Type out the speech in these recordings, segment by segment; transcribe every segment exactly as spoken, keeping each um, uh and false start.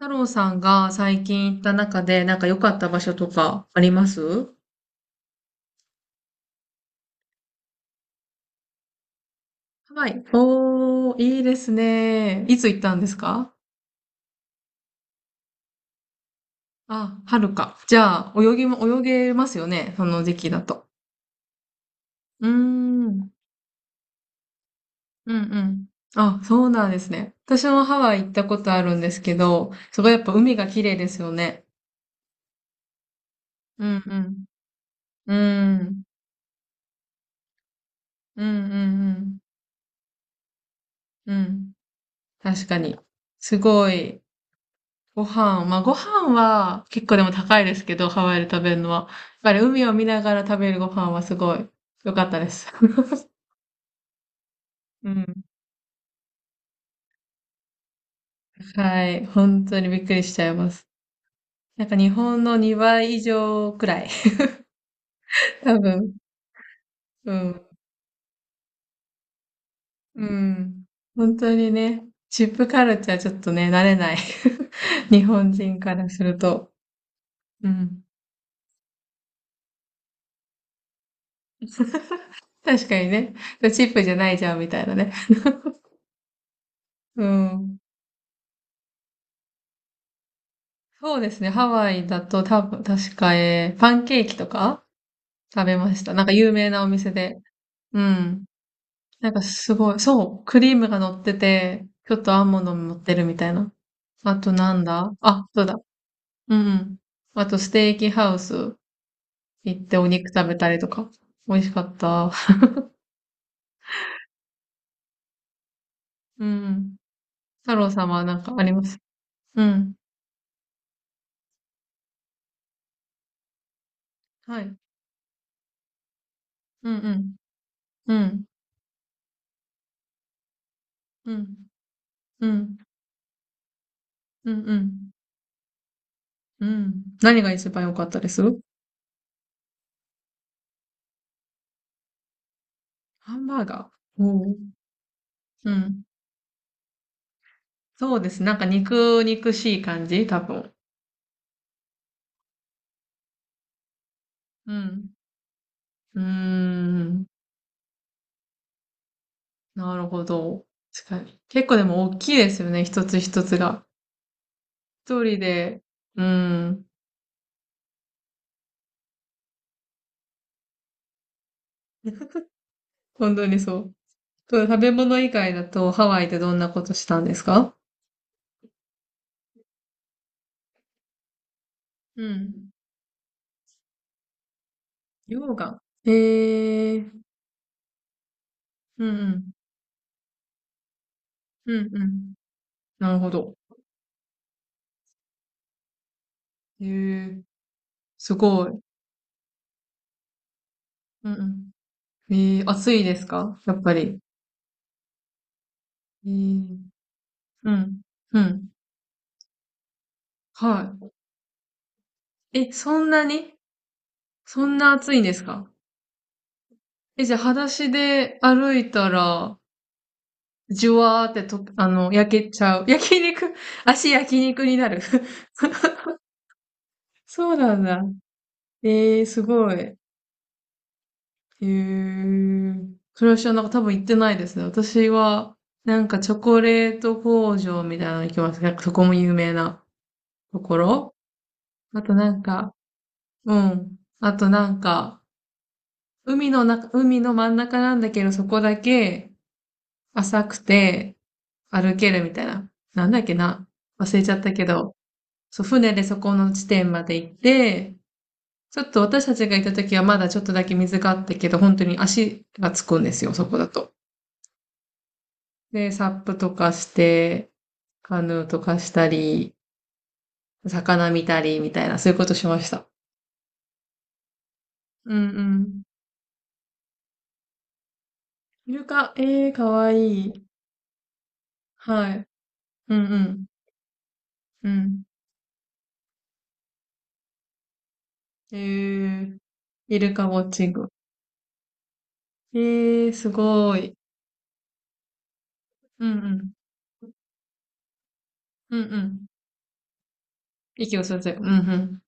太郎さんが最近行った中で、なんか良かった場所とかあります？はい。おー、いいですね。いつ行ったんですか？あ、春か。じゃあ、泳ぎも、泳げますよね。その時期だと。うーん。うんうん。あ、そうなんですね。私もハワイ行ったことあるんですけど、すごいやっぱ海が綺麗ですよね。うんうん。うん。うんうんうん。うん。確かに。すごい。ご飯、まあご飯は結構でも高いですけど、ハワイで食べるのは。やっぱり海を見ながら食べるご飯はすごい良かったです。うん。はい。本当にびっくりしちゃいます。なんか日本のにばい以上くらい。多分。うん。うん。本当にね、チップカルチャーちょっとね、慣れない。日本人からすると。うん。確かにね、チップじゃないじゃんみたいなね。うん。そうですね。ハワイだと多分、確か、えーパンケーキとか食べました。なんか有名なお店で。うん。なんかすごい、そう、クリームが乗ってて、ちょっとアーモンドも乗ってるみたいな。あとなんだあ、そうだ。うんうん。あとステーキハウス行ってお肉食べたりとか。美味しかった。うん。太郎さんはなんかあります？うん。はい。うんうん。うん。うん。うん。うんうん。うん。何が一番良かったです？ハンバーガー。うん。うん。そうです。なんか肉肉しい感じ多分。うん。うーん。なるほど。確かに。結構でも大きいですよね。一つ一つが。一人で。うん。本当にそう。そう、食べ物以外だとハワイでどんなことしたんですか？うん。溶岩。へえー。うんうん。うんうん。なるほど。へえー。すごい。うんうん。えー、暑いですか、やっぱり？えーうん。うん。はい。え、そんなにそんな暑いんですか？え、じゃあ、裸足で歩いたら、じゅわーってと、あの、焼けちゃう。焼肉、足焼肉になる。そうなんだ。えー、すごい。えー、それは知らなかった、多分行ってないですね。私は、なんかチョコレート工場みたいなの行きます。なんかそこも有名なところ。あとなんか、うん。あとなんか、海の中、海の真ん中なんだけど、そこだけ浅くて歩けるみたいな。なんだっけな。忘れちゃったけど。そう、船でそこの地点まで行って、ちょっと私たちが行った時はまだちょっとだけ水があったけど、本当に足がつくんですよ、そこだと。で、サップとかして、カヌーとかしたり、魚見たりみたいな、そういうことしました。うんうん。イルカ、ええー、かわいい。はい。うんうん。うん。えー、イルカウォッチング。えー、すごい。うんうん。うんうん。息を吸って、うんうん。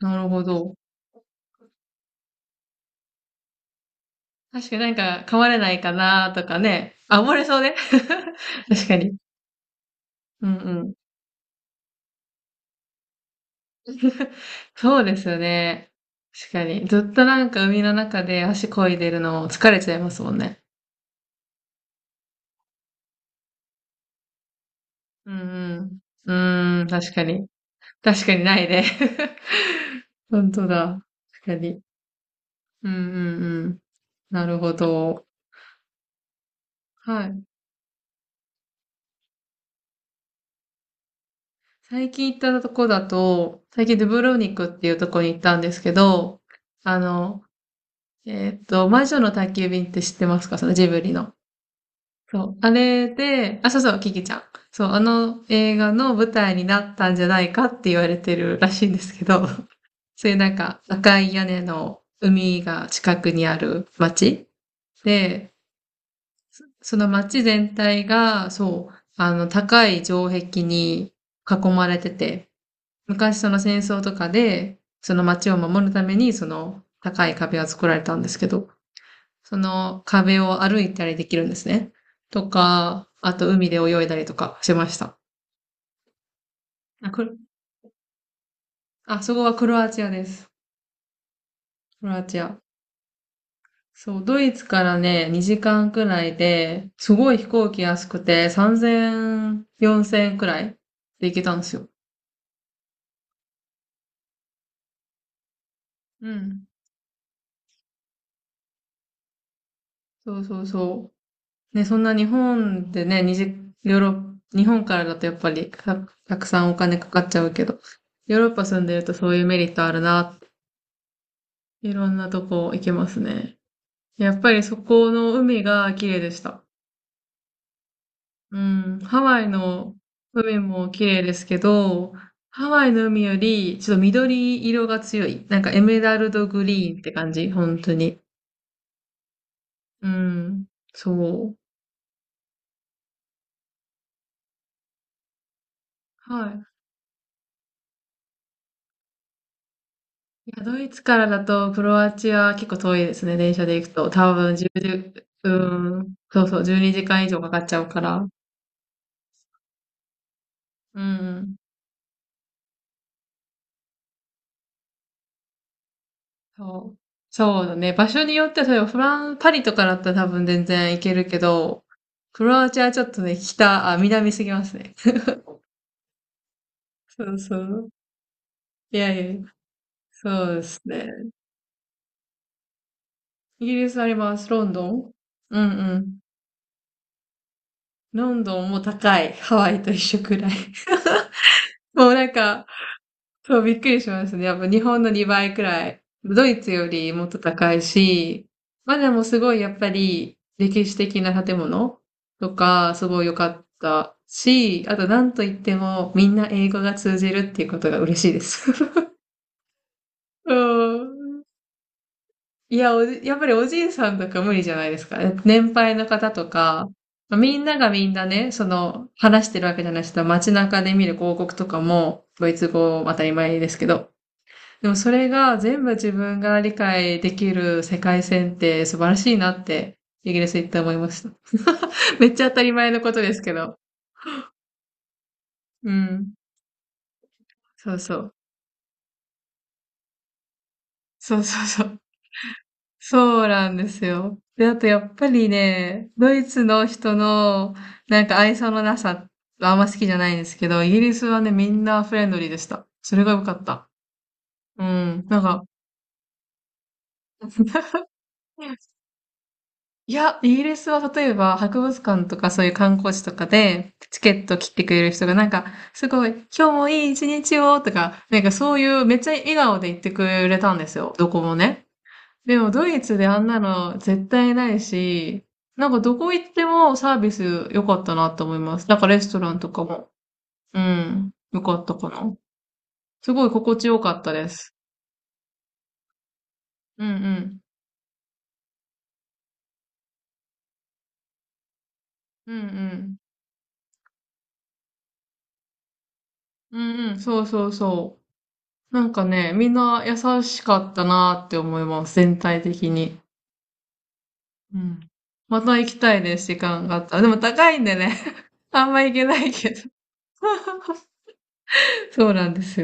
なるほど。確かに、なんか噛まれないかなとかね。あ、溺れそうね。確かに。うんうん。そうですよね。確かに。ずっとなんか海の中で足漕いでるの疲れちゃいますもんね。うんうん。うーん、確かに。確かにないね。本当だ。確かに。うんうんうん。なるほど。はい。最近行ったとこだと、最近ドゥブロニクっていうとこに行ったんですけど、あの、えーっと、魔女の宅急便って知ってますか？そのジブリの。そう。あれで、あ、そうそう、キキちゃん。そう、あの映画の舞台になったんじゃないかって言われてるらしいんですけど、そういうなんか赤い屋根の海が近くにある町で、その町全体が、そう、あの、高い城壁に囲まれてて、昔その戦争とかで、その街を守るために、その高い壁が作られたんですけど、その壁を歩いたりできるんですね。とか、あと海で泳いだりとかしました。あ、くるあ、そこはクロアチアです。クロアチア。そう、ドイツからね、にじかんくらいで、すごい飛行機安くて、さんぜん、よんせんくらいで行けたんですよ。うん。そうそうそう。ね、そんな日本でね、にじヨーロッ、日本からだとやっぱりた、たくさんお金かかっちゃうけど、ヨーロッパ住んでるとそういうメリットあるなって、いろんなとこ行けますね。やっぱりそこの海が綺麗でした。うん、ハワイの海も綺麗ですけど、ハワイの海よりちょっと緑色が強い。なんかエメラルドグリーンって感じ、本当に。うん、そう。はい。いや、ドイツからだとクロアチア結構遠いですね、電車で行くと。多分じゅう、うん、そうそう、じゅうにじかん以上かかっちゃうから。うん、そう。そうだね。場所によっては、それフラン、パリとかだったら多分全然行けるけど、クロアチアはちょっとね、北、あ、南すぎますね。そうそう。いやいや、そうですね。イギリスあります。ロンドン。うんうん。ロンドンも高い。ハワイと一緒くらい。もうなんか、そう、びっくりしましたね。やっぱ日本のにばいくらい。ドイツよりもっと高いし、まあでもすごいやっぱり歴史的な建物とかすごい良かったし、あとなんといってもみんな英語が通じるっていうことが嬉しいです。うん。いや、おじ、やっぱりおじいさんとか無理じゃないですか。年配の方とか、まあみんながみんなね、その、話してるわけじゃない人は街中で見る広告とかも、ドイツ語当たり前ですけど、でもそれが全部自分が理解できる世界線って素晴らしいなって、イギリス行って思いました。めっちゃ当たり前のことですけど。うん。そうそう。そうそうそう。そうなんですよ。で、あとやっぱりね、ドイツの人のなんか愛想のなさはあんま好きじゃないんですけど、イギリスはね、みんなフレンドリーでした。それが良かった。うん。なんか、いや、イギリスは例えば博物館とかそういう観光地とかでチケット切ってくれる人がなんか、すごい、今日もいい一日をとか、なんかそういうめっちゃ笑顔で言ってくれたんですよ。どこもね。でもドイツであんなの絶対ないし、なんかどこ行ってもサービス良かったなと思います。なんかレストランとかも。うん。良かったかな。すごい心地よかったです。うんうん。うんうん。うんうん。そうそうそう。なんかね、みんな優しかったなって思います。全体的に。うん。また行きたいです、時間があったら。でも高いんでね。あんま行けないけど。そうなんですよ。